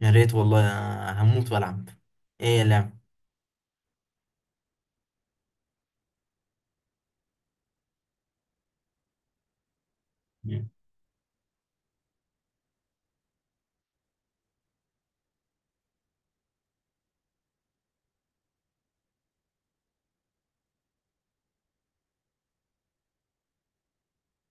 يا ريت والله. أنا هموت والعب. ايه اللعب؟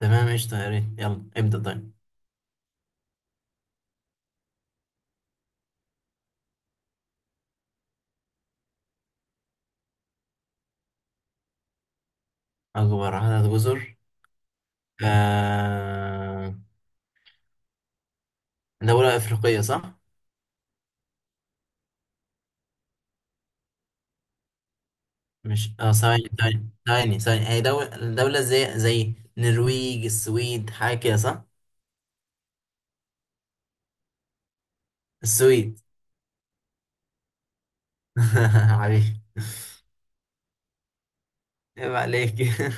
تمام قشطة، يا ريت، يلا ابدأ طيب. اكبر عدد جزر؟ آه... دولة افريقية صح؟ مش ثواني ثواني ثواني ثواني، هي دولة. دولة زي النرويج، السويد، حاجة كده صح؟ السويد. عليك. عيب عليك.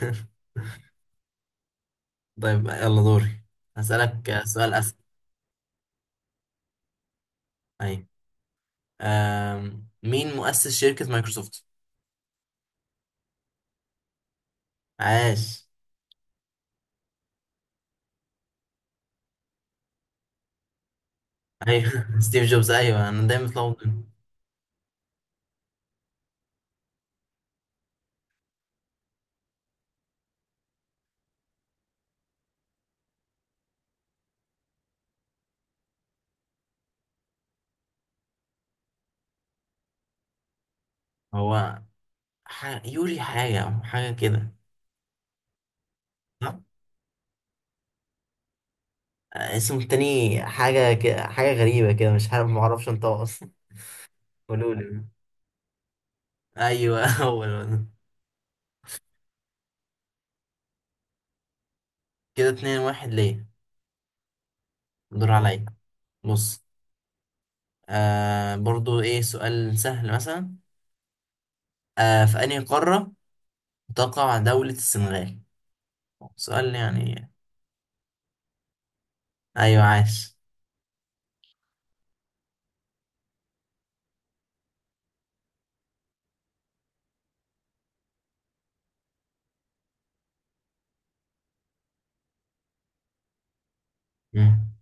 طيب يلا دوري. هسألك سؤال أسهل. أيوة. مين مؤسس شركة مايكروسوفت؟ عاش. ايوه ستيف جوبز، ايوه انا دايما بتلخبط بينهم. هو يوري حاجه كده صح؟ اسمه التاني حاجه كده، حاجه غريبه كده، مش عارف، معرفش انطقه اصلا. قولوا لي. ايوه هو الولد. كده اتنين واحد ليه. دور عليا. بص، آه برضو، ايه سؤال سهل مثلا. آه، في انهي قاره تقع دوله السنغال؟ سؤال يعني. ايوه عاش. مم.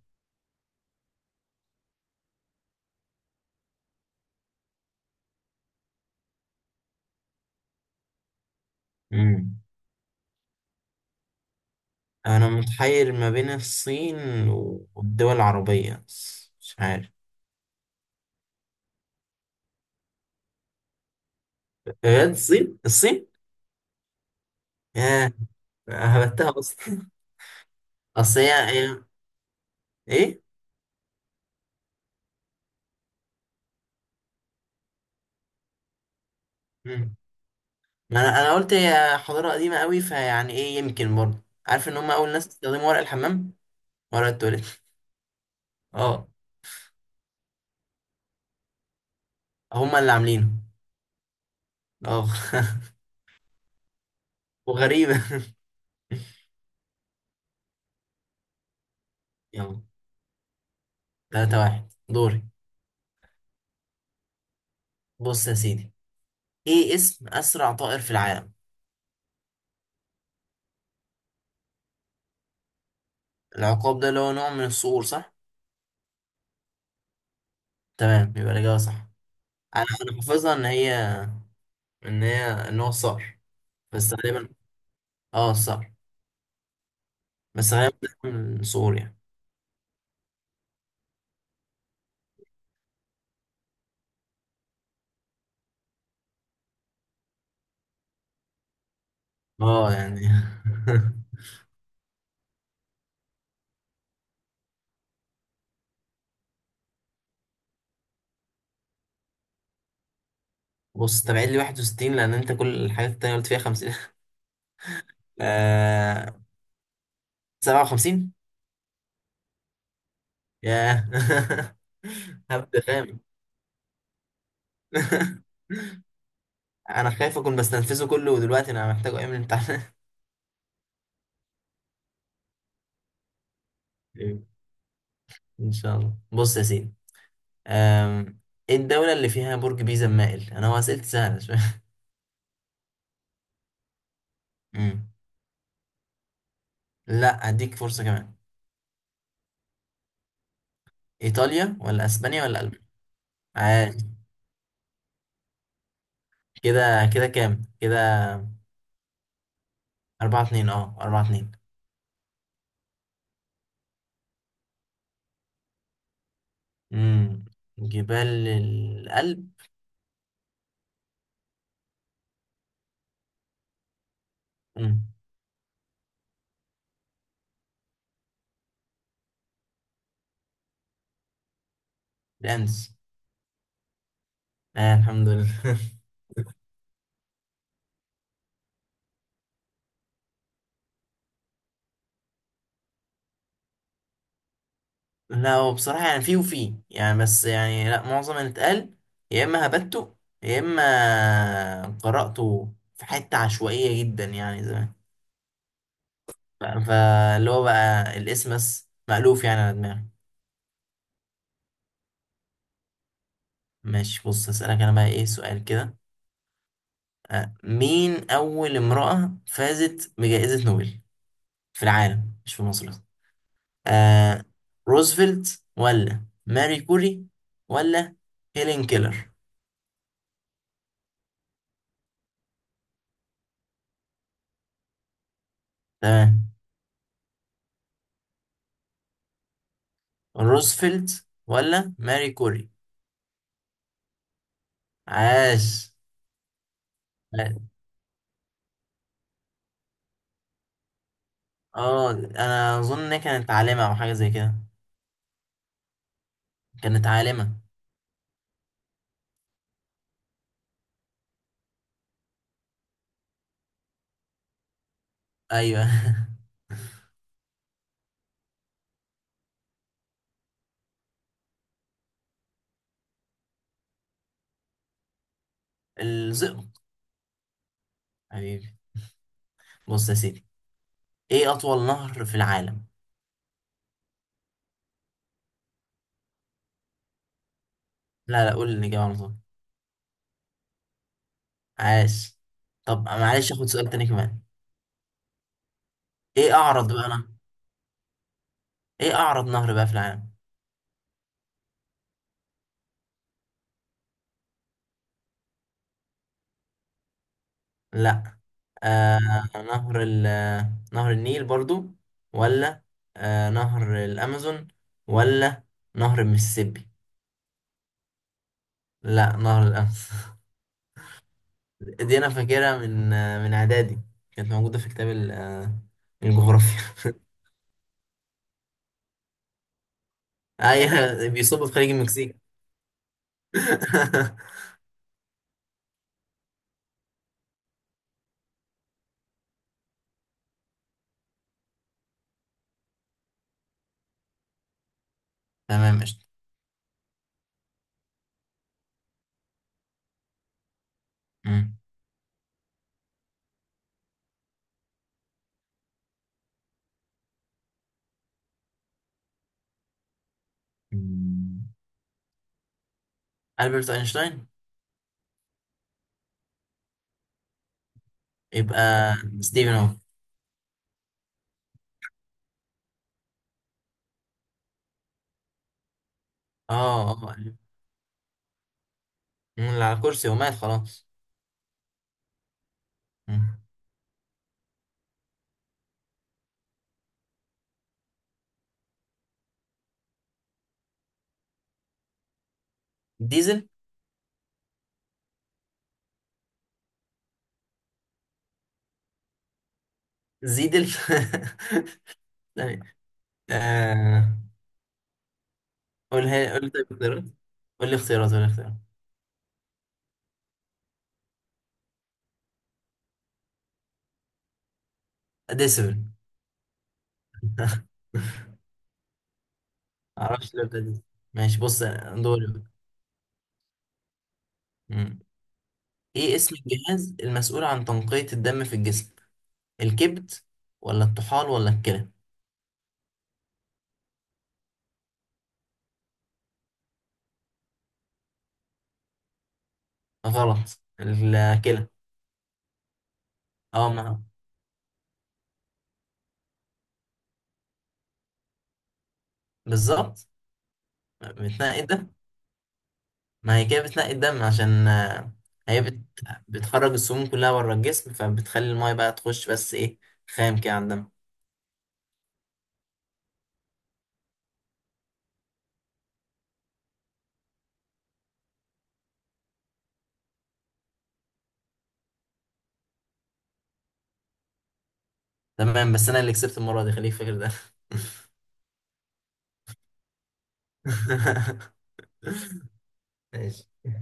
مم. أنا متحير ما بين الصين والدول العربية، مش عارف. بجد الصين؟ الصين. ياه، هبتها أصلا. أصل هي. هي- إيه. مم. ما أنا قلت هي حضارة قديمة أوي، فيعني إيه يمكن برضه. عارف إن هما أول ناس استخدموا ورق الحمام، ورق التواليت. أه. هما اللي عاملينه. أه. وغريبة. يلا، تلاتة واحد دوري. بص يا سيدي، إيه اسم أسرع طائر في العالم؟ العقاب ده اللي هو نوع من الصقور صح؟ تمام، يبقى الإجابة صح. انا حافظها ان هي، ان هو صقر. بس غالبا، اه صقر. بس غالبا بيكون صقور يعني. اه يعني. بص، تبعيد لي 61، لان انت كل الحاجات التانية قلت فيها 50. آه، 57. ياه. هبد خام. انا خايف اكون بستنفذه كله ودلوقتي انا محتاجه ايام الامتحان. ان شاء الله. بص يا سيدي، آم، ايه الدولة اللي فيها برج بيزا مائل؟ انا هو اسئلتي سهلة شوية. أمم. لا، اديك فرصة كمان. ايطاليا ولا اسبانيا ولا المانيا؟ عادي. كده كده كام كده؟ أربعة اتنين، اه أربعة اتنين. امم. جبال الألب. امم. الأندز. آه الحمد لله. لا، هو بصراحة يعني فيه وفيه يعني، بس يعني لا، معظم اللي اتقال يا إما هبته، يا إما قرأته في حتة عشوائية جدا يعني زمان. فاللي هو بقى الاسم بس مألوف يعني على دماغي. ماشي، بص، هسألك أنا بقى إيه سؤال كده. مين أول امرأة فازت بجائزة نوبل في العالم، مش في مصر بس؟ آه، روزفلت ولا ماري كوري ولا هيلين كيلر؟ تمام. روزفلت ولا ماري كوري؟ عاش. اه انا اظن انها كانت عالمة او حاجة زي كده. كانت عالمة. ايوه. الزئبق. حبيبي. بص يا سيدي، ايه اطول نهر في العالم؟ لا لا، قول الاجابة على طول. عاش. طب معلش، اخد سؤال تاني كمان. ايه اعرض بقى انا، ايه اعرض نهر بقى في العالم؟ لا. آه، نهر ال نهر النيل برضو، ولا نهر الامازون، ولا نهر المسيسيبي؟ لا، نهر الامازون. دي انا فاكرها من من اعدادي. كانت موجوده في كتاب الجغرافيا. ايوه، بيصب في خليج المكسيك. تمام قشطة. مم. مم. ألبرت أينشتاين. يبقى ستيفن هوكينج. اه اه، اللي على كرسي ومات خلاص. مم. ديزل. زيد الف. ثانية. آه... قولها، قول لي طيب اختيارات. قول لي اختيارات. قول لي اختيارات. ديسبل. معرفش ليه بتاع ديسبل. ماشي بص، دوري بقى. مم. ايه اسم الجهاز المسؤول عن تنقية الدم في الجسم؟ الكبد ولا الطحال ولا الكلى؟ غلط، الكلى. اه ما. بالظبط. متنقي. ما هي كده بتنقي الدم عشان هي بتخرج السموم كلها بره الجسم، فبتخلي المايه بقى تخش بس ايه، خام كده على الدم. تمام، بس انا اللي كسبت المره دي، خليك فاكر ده. ماشي.